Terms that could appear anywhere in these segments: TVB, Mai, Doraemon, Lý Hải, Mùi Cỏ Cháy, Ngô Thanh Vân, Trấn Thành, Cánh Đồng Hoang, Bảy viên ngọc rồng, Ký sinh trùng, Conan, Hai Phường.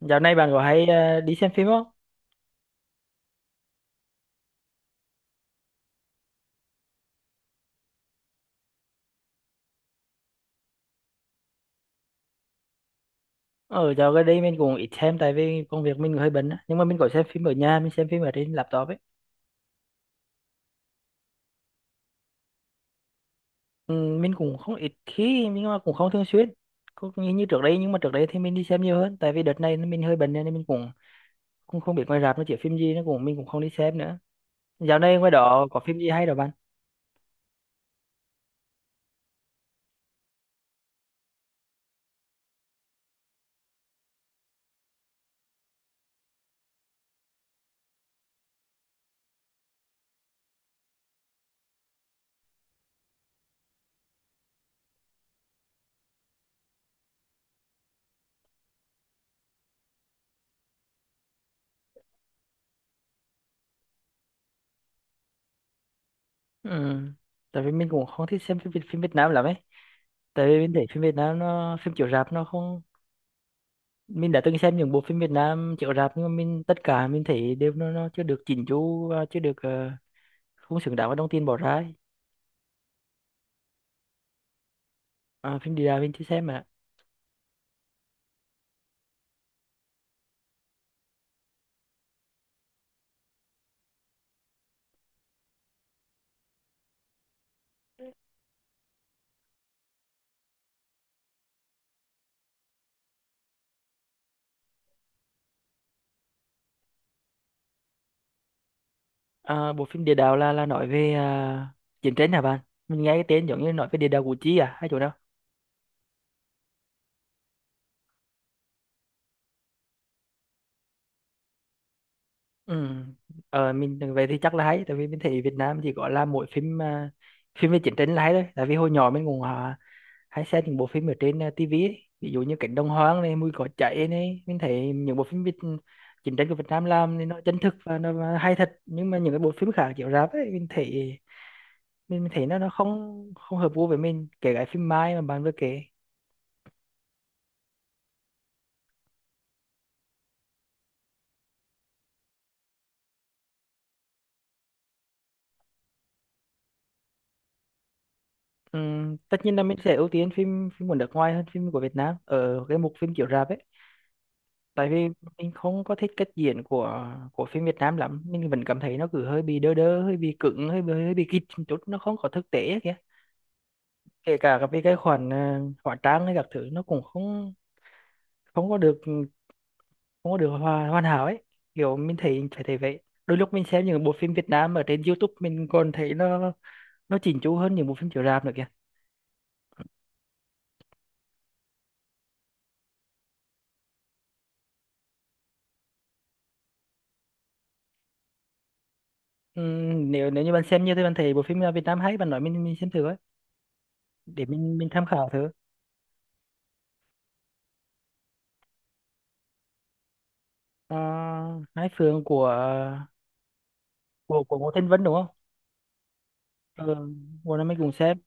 Dạo này bạn có hay đi xem phim không? Ở dạo gần đây mình cũng ít xem tại vì công việc mình hơi bận á. Nhưng mà mình có xem phim ở nhà, mình xem phim ở trên laptop ấy. Ừ, mình cũng không ít khi nhưng mà cũng không thường xuyên. Cũng như trước đây, nhưng mà trước đây thì mình đi xem nhiều hơn. Tại vì đợt này mình hơi bận nên mình cũng cũng không biết ngoài rạp nó chiếu phim gì, nó cũng mình cũng không đi xem nữa. Dạo này ngoài đó có phim gì hay đâu bạn? Ừ. Tại vì mình cũng không thích xem phim Việt Nam lắm ấy. Tại vì mình thấy phim Việt Nam nó phim chiếu rạp nó không, mình đã từng xem những bộ phim Việt Nam chiếu rạp nhưng mà mình tất cả mình thấy đều nó chưa được chỉnh chu và chưa được không xứng đáng với đồng tiền bỏ ra ấy. À, phim địa đạo mình chưa xem mà. Bộ phim địa đạo là nói về chiến tranh hả bạn? Mình nghe cái tên giống như nói về địa đạo Củ Chi à, hay chỗ nào? Ừ. Mình về thì chắc là hay, tại vì mình thấy Việt Nam chỉ gọi là mỗi phim phim về chiến tranh là hay thôi. Tại vì hồi nhỏ mình cũng hay xem những bộ phim ở trên TV ấy. Ví dụ như Cánh Đồng Hoang này, Mùi Cỏ Cháy này, mình thấy những bộ phim Việt, chiến tranh của Việt Nam làm thì nó chân thực và nó hay thật. Nhưng mà những cái bộ phim khác chiếu rạp ấy mình thấy, mình thấy nó không không hợp gu với mình, kể cả phim Mai mà bạn vừa kể. Tất nhiên là mình sẽ ưu tiên phim phim của nước ngoài hơn phim của Việt Nam ở cái mục phim chiếu rạp ấy, tại vì mình không có thích cách diễn của phim Việt Nam lắm. Mình vẫn cảm thấy nó cứ hơi bị đơ đơ, hơi bị cứng, hơi bị kịch một chút, nó không có thực tế ấy kìa, kể cả các cái vì cái khoản hóa trang hay các thứ, nó cũng không không có được hoàn, hoàn hảo ấy. Kiểu mình thấy phải thấy vậy. Đôi lúc mình xem những bộ phim Việt Nam ở trên YouTube, mình còn thấy nó chỉnh chu hơn những bộ phim chiếu rạp nữa kìa. Nếu nếu như bạn xem như thế, bạn thấy bộ phim Việt Nam hay, bạn nói mình xem thử ấy, để mình tham khảo thử. Ờ, Hai Phường của của Ngô Thanh Vân đúng không? Ừ, bộ này mình cũng xem.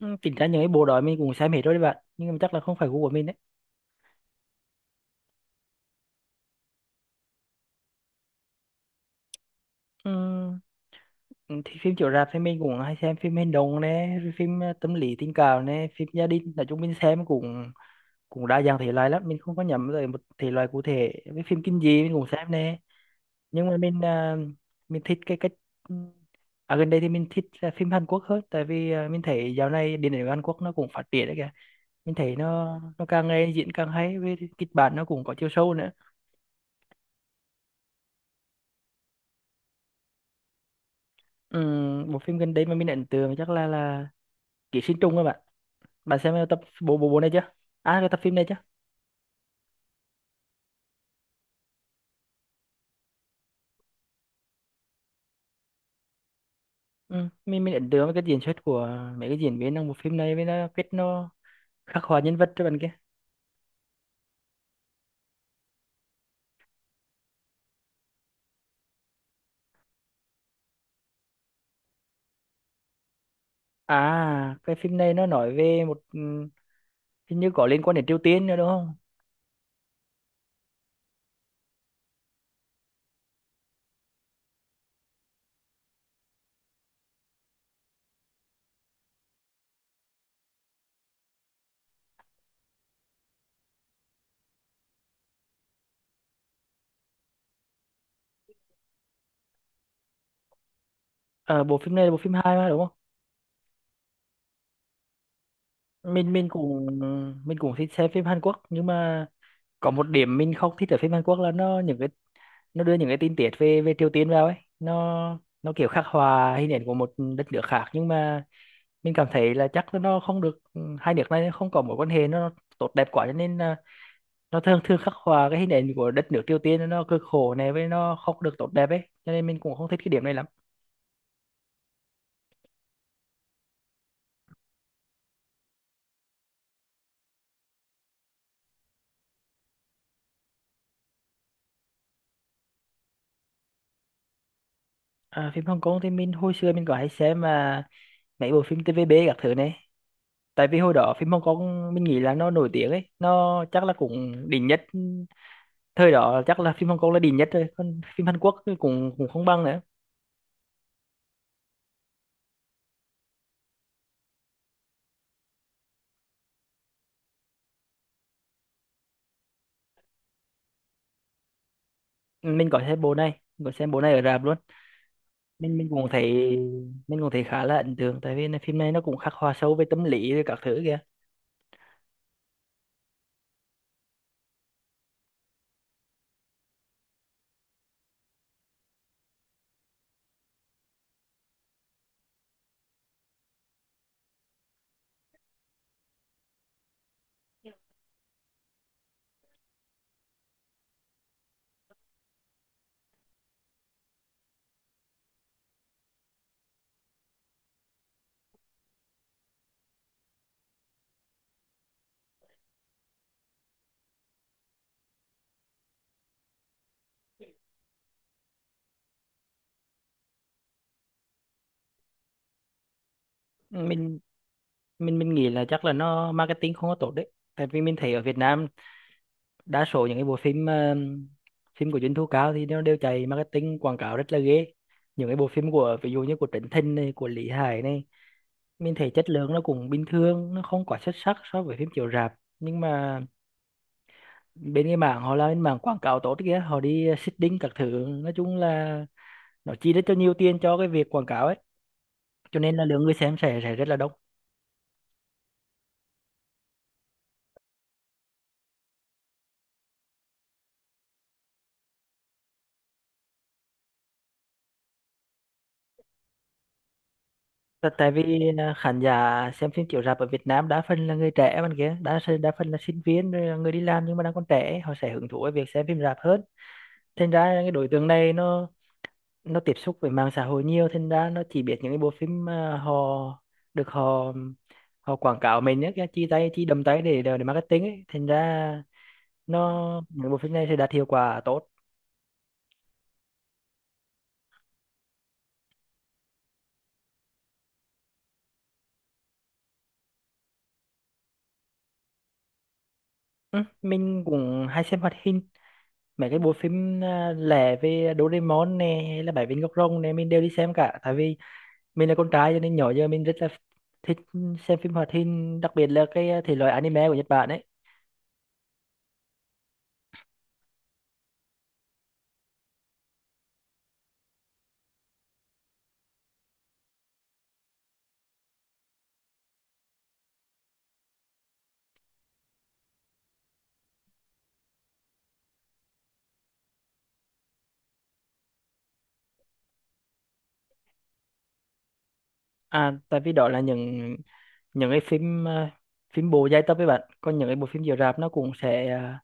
Chính ra những cái bộ đó mình cũng xem hết rồi đấy bạn, nhưng mà chắc là không phải gu của mình đấy. Ừ. Ừ, thì phim chiếu rạp thì mình cũng hay xem phim hành động nè, rồi phim tâm lý tình cảm nè, phim gia đình. Nói chung mình xem cũng cũng đa dạng thể loại lắm, mình không có nhắm tới một thể loại cụ thể. Với phim kinh dị mình cũng xem nè, nhưng mà mình mình thích cái cách, ừ, gần đây thì mình thích là phim Hàn Quốc hơn, tại vì mình thấy dạo này điện ảnh Hàn Quốc nó cũng phát triển đấy kìa. Mình thấy nó càng ngày diễn càng hay, với kịch bản nó cũng có chiều sâu nữa. Ừ, một phim gần đây mà mình ấn tượng chắc là Ký sinh trùng các bạn. Bạn xem tập bộ bộ bộ này chưa, à cái tập phim này chưa? Ừ. mình ấn tượng với cái diễn xuất của mấy cái diễn viên trong bộ phim này, với nó cách nó khắc họa nhân vật cho bạn kia. À cái phim này nó nói về một, ừ, hình như có liên quan đến Triều Tiên nữa đúng không? À, bộ phim này là bộ phim hai mà đúng không? Mình cũng mình cũng thích xem phim Hàn Quốc, nhưng mà có một điểm mình không thích ở phim Hàn Quốc là nó những cái, nó đưa những cái tin tiết về về Triều Tiên vào ấy. Nó kiểu khắc họa hình ảnh của một đất nước khác, nhưng mà mình cảm thấy là chắc là nó không được, ừ, hai nước này không có mối quan hệ nó tốt đẹp quá, cho nên là nó thường thường khắc họa cái hình ảnh của đất nước Triều Tiên nó cực khổ này, với nó không được tốt đẹp ấy, cho nên mình cũng không thích cái điểm này lắm. À, phim Hồng Kông thì mình hồi xưa mình có hay xem mà, mấy bộ phim TVB các thứ này. Tại vì hồi đó phim Hồng Kông mình nghĩ là nó nổi tiếng ấy, nó chắc là cũng đỉnh nhất, ừ, thời đó chắc là phim Hồng Kông là đỉnh nhất rồi, còn phim Hàn Quốc thì cũng cũng không bằng nữa. Mình có xem bộ này, mình có xem bộ này ở rạp luôn. Mình cũng thấy, mình cũng thấy khá là ấn tượng, tại vì là phim này nó cũng khắc họa sâu về tâm lý rồi các thứ kìa. Mình mình mình nghĩ là chắc là nó marketing không có tốt đấy, tại vì mình thấy ở Việt Nam đa số những cái bộ phim phim của doanh thu cao thì nó đều chạy marketing quảng cáo rất là ghê. Những cái bộ phim của ví dụ như của Trấn Thành này, của Lý Hải này, mình thấy chất lượng nó cũng bình thường, nó không quá xuất sắc so với phim chiếu rạp. Nhưng mà bên cái mảng họ là bên mảng quảng cáo tốt kìa, họ đi seeding các thứ, nói chung là nó chi rất cho nhiều tiền cho cái việc quảng cáo ấy, cho nên là lượng người xem sẽ rất là đông. Tại tại vì khán giả xem phim chiếu rạp ở Việt Nam đa phần là người trẻ bạn kia, đa phần là sinh viên rồi là người đi làm nhưng mà đang còn trẻ, họ sẽ hứng thú với việc xem phim rạp hơn. Thành ra cái đối tượng này nó tiếp xúc với mạng xã hội nhiều, thành ra nó chỉ biết những cái bộ phim mà họ được họ họ quảng cáo mình ấy, cái chi tay chi đầm tay để marketing ấy. Thành ra nó những bộ phim này sẽ đạt hiệu quả tốt. Ừ, mình cũng hay xem hoạt hình, mấy cái bộ phim lẻ về Doraemon nè, hay là Bảy viên ngọc rồng nè, mình đều đi xem cả. Tại vì mình là con trai cho nên nhỏ giờ mình rất là thích xem phim hoạt hình, đặc biệt là cái thể loại anime của Nhật Bản ấy. À tại vì đó là những cái phim phim bộ dài tập với bạn. Còn những cái bộ phim chiếu rạp nó cũng sẽ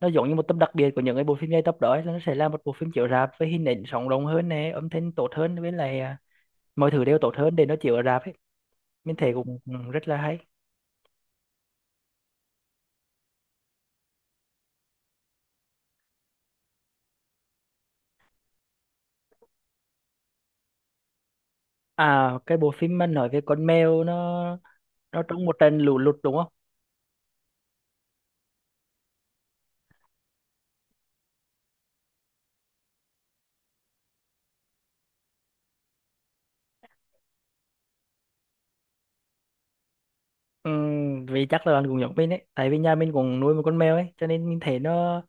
nó giống như một tập đặc biệt của những cái bộ phim dài tập đó ấy, là nó sẽ là một bộ phim chiếu rạp với hình ảnh sống động hơn nè, âm thanh tốt hơn, với lại mọi thứ đều tốt hơn để nó chiếu ở rạp ấy. Mình thấy cũng cũng rất là hay. À cái bộ phim mà nói về con mèo nó trong một trận lũ lụt đúng không? Ừ, vì chắc là bạn cũng giống mình ấy, tại vì nhà mình cũng nuôi một con mèo ấy, cho nên mình thấy nó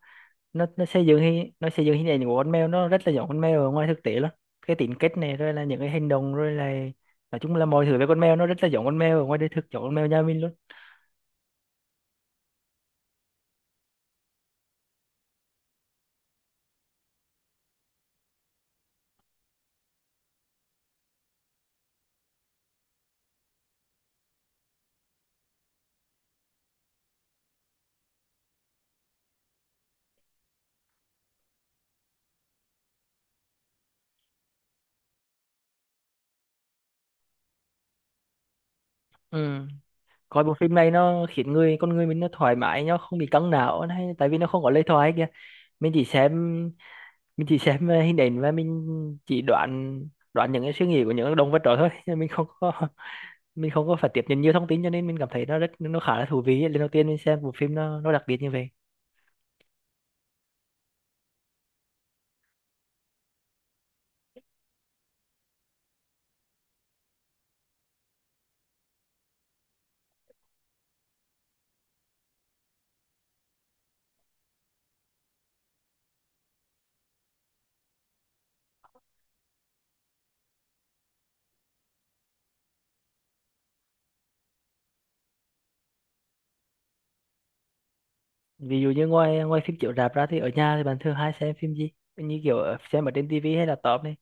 nó xây dựng hình ảnh của con mèo nó rất là giống con mèo ở ngoài thực tế luôn. Cái tính cách này, rồi là những cái hành động, rồi là nói chung là mọi thứ về con mèo nó rất là giống con mèo ở ngoài đời thực, giống con mèo nhà mình luôn. Ừ. Coi bộ phim này nó khiến con người mình nó thoải mái, nó không bị căng não hay, tại vì nó không có lời thoại kìa. Mình chỉ xem mình chỉ xem hình ảnh, và mình chỉ đoán đoán những cái suy nghĩ của những động vật đó thôi nên mình không có mình không có phải tiếp nhận nhiều thông tin, cho nên mình cảm thấy nó rất nó khá là thú vị ấy. Lần đầu tiên mình xem bộ phim nó đặc biệt như vậy. Ví dụ như ngoài ngoài phim chiếu rạp ra thì ở nhà thì bạn thường hay xem phim gì, như kiểu xem ở trên tivi hay là laptop này?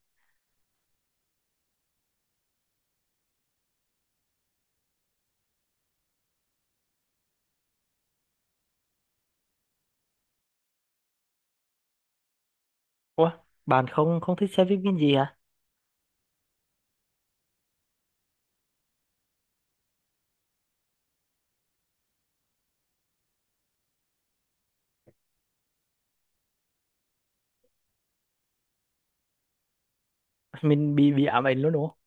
Ủa, bạn không không thích xem phim kinh gì hả? Mình bị ám ảnh luôn đúng không?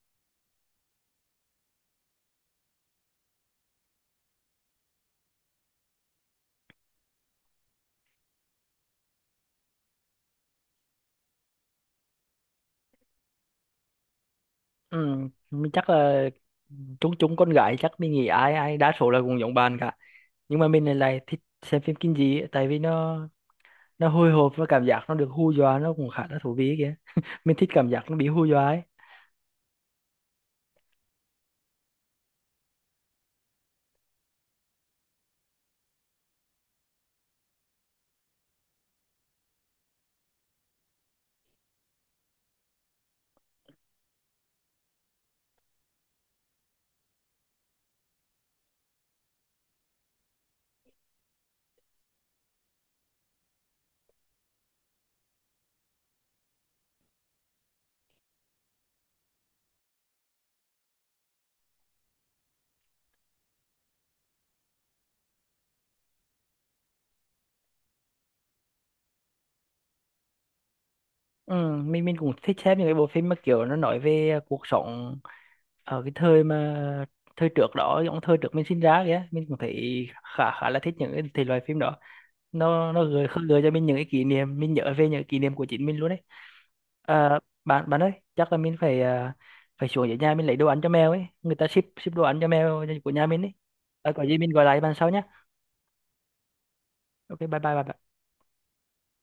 Ừ, mình chắc là chúng chúng con gái chắc mình nghĩ ai ai đa số là cũng giống bạn cả. Nhưng mà mình lại lại thích xem phim kinh dị ấy, tại vì nó hồi hộp và cảm giác nó được hù dọa nó cũng khá là thú vị kìa. Mình thích cảm giác nó bị hù dọa ấy. Ừ, mình cũng thích xem những cái bộ phim mà kiểu nó nói về cuộc sống ở cái thời mà thời trước đó, giống thời trước mình sinh ra kìa, mình cũng thấy khá khá là thích những cái thể loại phim đó. Nó gợi khơi gợi cho mình những cái kỷ niệm, mình nhớ về những kỷ niệm của chính mình luôn đấy. À, bạn bạn ơi chắc là mình phải phải xuống dưới nhà mình lấy đồ ăn cho mèo ấy, người ta ship ship đồ ăn cho mèo của nhà mình ấy. À, có gì mình gọi lại bạn sau nhé. Ok bye bye bạn.